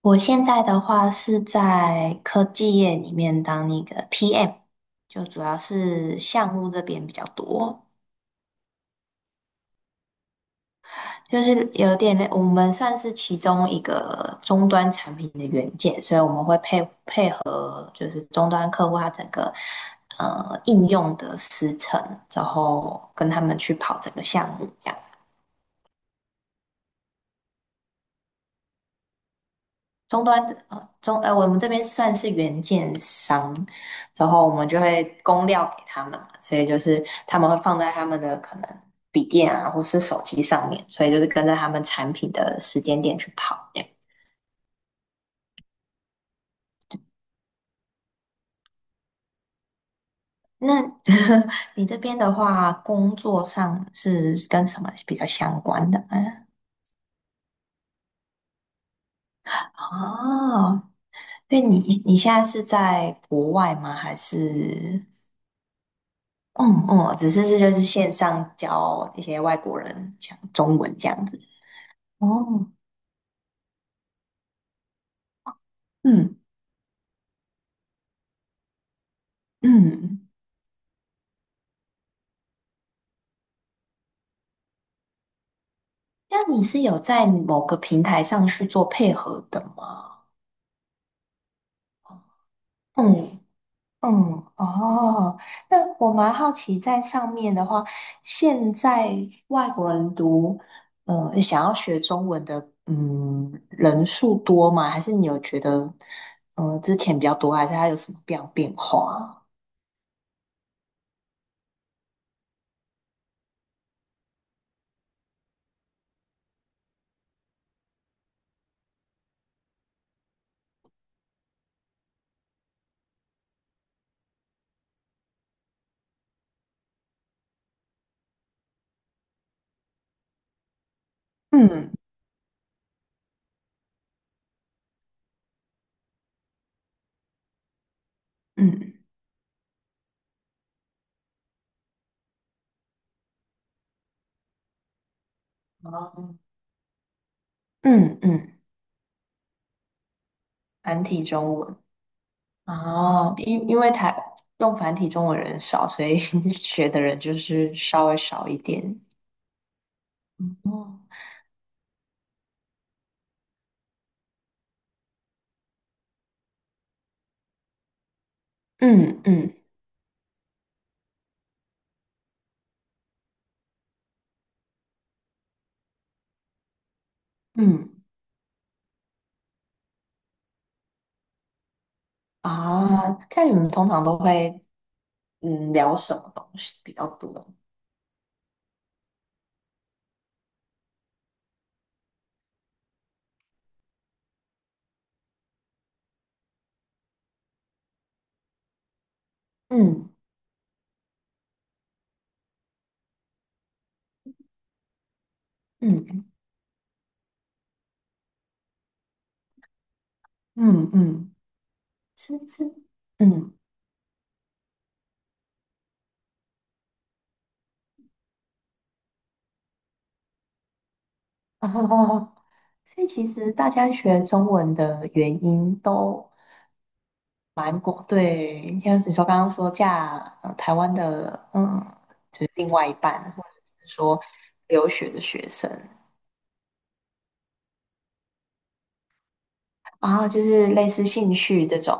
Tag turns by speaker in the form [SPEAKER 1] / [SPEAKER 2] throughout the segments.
[SPEAKER 1] 我现在的话是在科技业里面当那个 PM，就主要是项目这边比较多，就是有点类我们算是其中一个终端产品的元件，所以我们会配合就是终端客户他整个应用的时程，然后跟他们去跑整个项目这样。终端的呃终呃，我们这边算是原件商，然后我们就会供料给他们嘛，所以就是他们会放在他们的可能笔电啊，或是手机上面，所以就是跟着他们产品的时间点去跑这样。那 你这边的话，工作上是跟什么比较相关的哦，那你现在是在国外吗？还是？嗯嗯，只是这就是线上教一些外国人讲中文这样子。哦，嗯嗯，那你是有在某个平台上去做配合的吗？嗯嗯，哦，那我蛮好奇，在上面的话，现在外国人读，嗯，想要学中文的，嗯，人数多吗？还是你有觉得，嗯，之前比较多，还是它有什么样变化？嗯嗯。嗯嗯，繁体中文啊，因为台用繁体中文人少，所以 学的人就是稍微少一点。嗯嗯嗯啊，看你们通常都会聊什么东西比较多？嗯嗯嗯嗯，是是，嗯哦，所以其实大家学中文的原因都蛮广，对，像是你刚刚说嫁台湾的，嗯，就是另外一半，或者是说留学的学生，然后就是类似兴趣这种，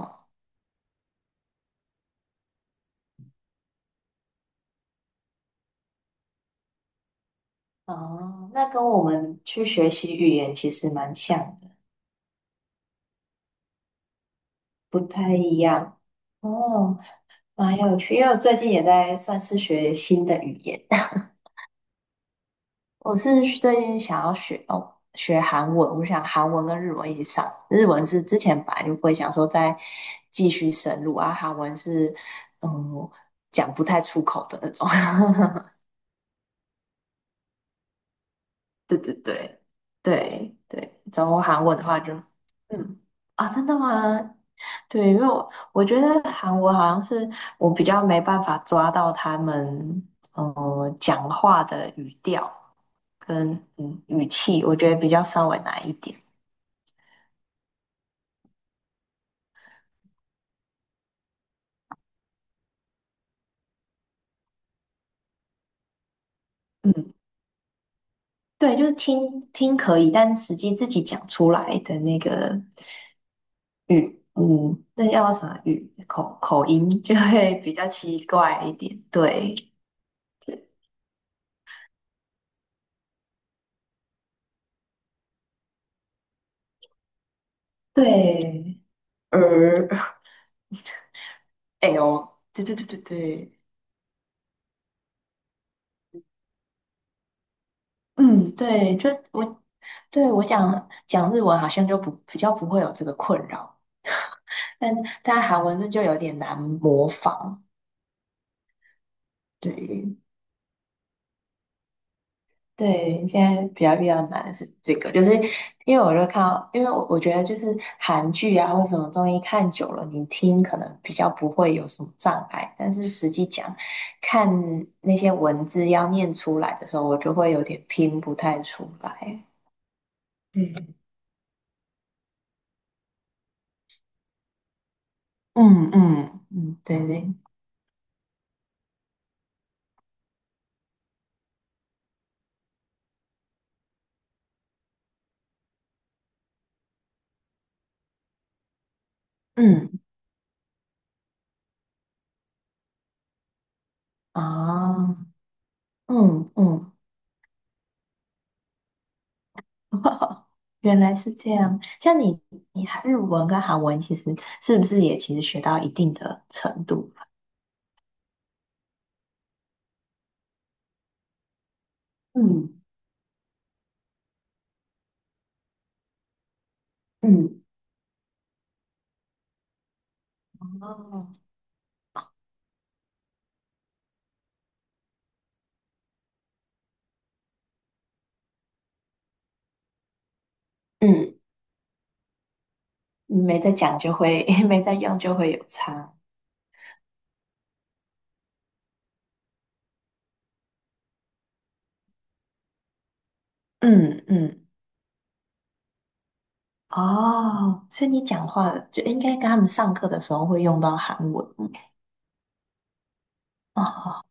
[SPEAKER 1] 哦，那跟我们去学习语言其实蛮像的，不太一样。哦，蛮有趣，因为我最近也在算是学新的语言，我是最近想要学学韩文，我想韩文跟日文一起上。日文是之前本来就不会想说再继续深入啊，韩文是嗯讲不太出口的那种。对对对对对，然后韩文的话就嗯啊，真的吗？对，因为我觉得韩文好像是我比较没办法抓到他们讲话的语调跟语气，我觉得比较稍微难一点。嗯，对，就是听听可以，但实际自己讲出来的那个语，嗯，那叫啥语？口音就会比较奇怪一点。对，对，儿，哎呦，对对对对对，嗯，对，就我，对我讲日文好像就不比较不会有这个困扰，但但韩文是就有点难模仿。对，对，现在比较难的是这个，就是因为我就看到，因为我觉得就是韩剧啊或什么东西看久了，你听可能比较不会有什么障碍，但是实际讲，看那些文字要念出来的时候，我就会有点拼不太出来。嗯，嗯嗯嗯，对对，嗯啊，嗯嗯，原来是这样。像你，你日文跟韩文其实是不是也其实学到一定的程度？嗯嗯哦，嗯，没在讲就会，没在用就会有差。嗯嗯，哦，所以你讲话就应该跟他们上课的时候会用到韩文。哦，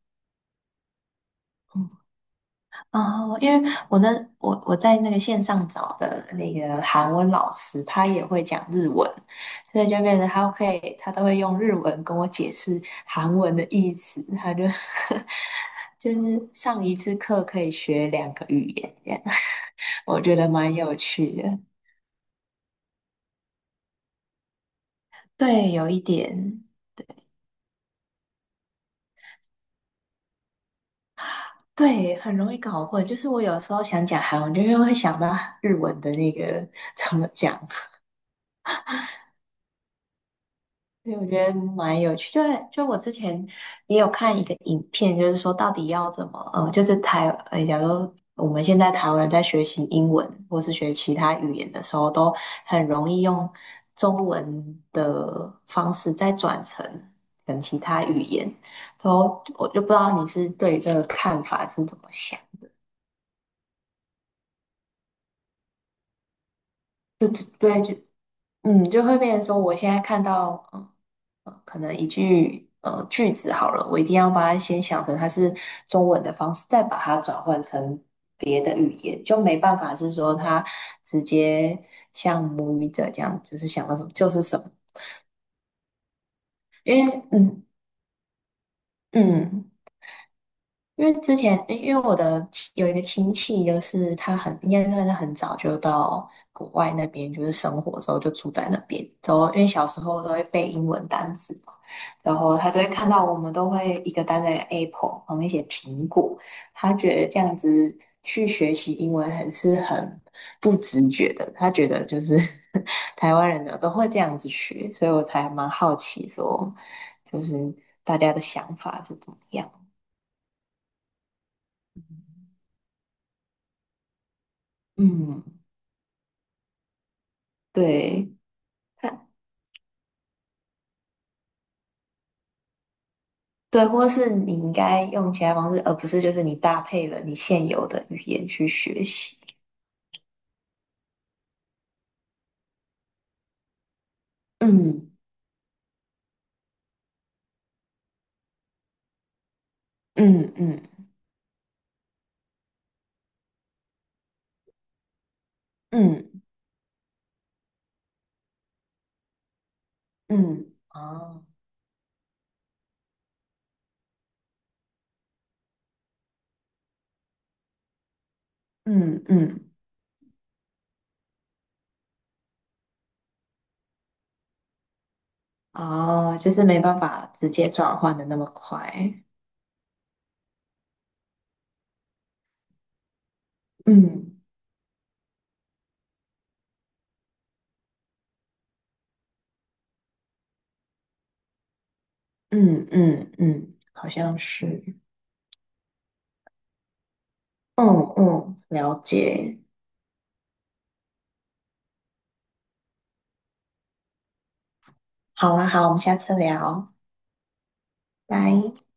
[SPEAKER 1] 哦，因为我那我在那个线上找的那个韩文老师，他也会讲日文，所以就变成他可以他都会用日文跟我解释韩文的意思，他就 就是上一次课可以学两个语言这样，我觉得蛮有趣的。对，有一点，对，很容易搞混。就是我有时候想讲韩文，就又会想到日文的那个怎么讲，对，我觉得蛮有趣。就我之前也有看一个影片，就是说到底要怎么，呃，就是台，假如我们现在台湾人在学习英文或是学其他语言的时候，都很容易用中文的方式再转成跟其他语言。然后我就不知道你是对于这个看法是怎么想？的，对，就。嗯，就会变成说，我现在看到，嗯，可能一句句子好了，我一定要把它先想成它是中文的方式，再把它转换成别的语言，就没办法是说它直接像母语者这样，就是想到什么就是什么，因为嗯。因为之前，因为我的亲有一个亲戚，就是他很应该算是很早就到国外那边，就是生活的时候就住在那边。然后因为小时候都会背英文单词嘛，然后他都会看到我们都会一个单在 Apple 旁边写苹果，他觉得这样子去学习英文是很不直觉的，他觉得就是 台湾人呢都会这样子学，所以我才蛮好奇说，就是大家的想法是怎么样，嗯。对，它对，或是你应该用其他方式，而不是就是你搭配了你现有的语言去学习。嗯嗯嗯嗯嗯，哦，嗯嗯哦，就是没办法直接转换的那么快。嗯嗯嗯嗯，好像是。嗯嗯，了解。好啊，好，我们下次聊，拜。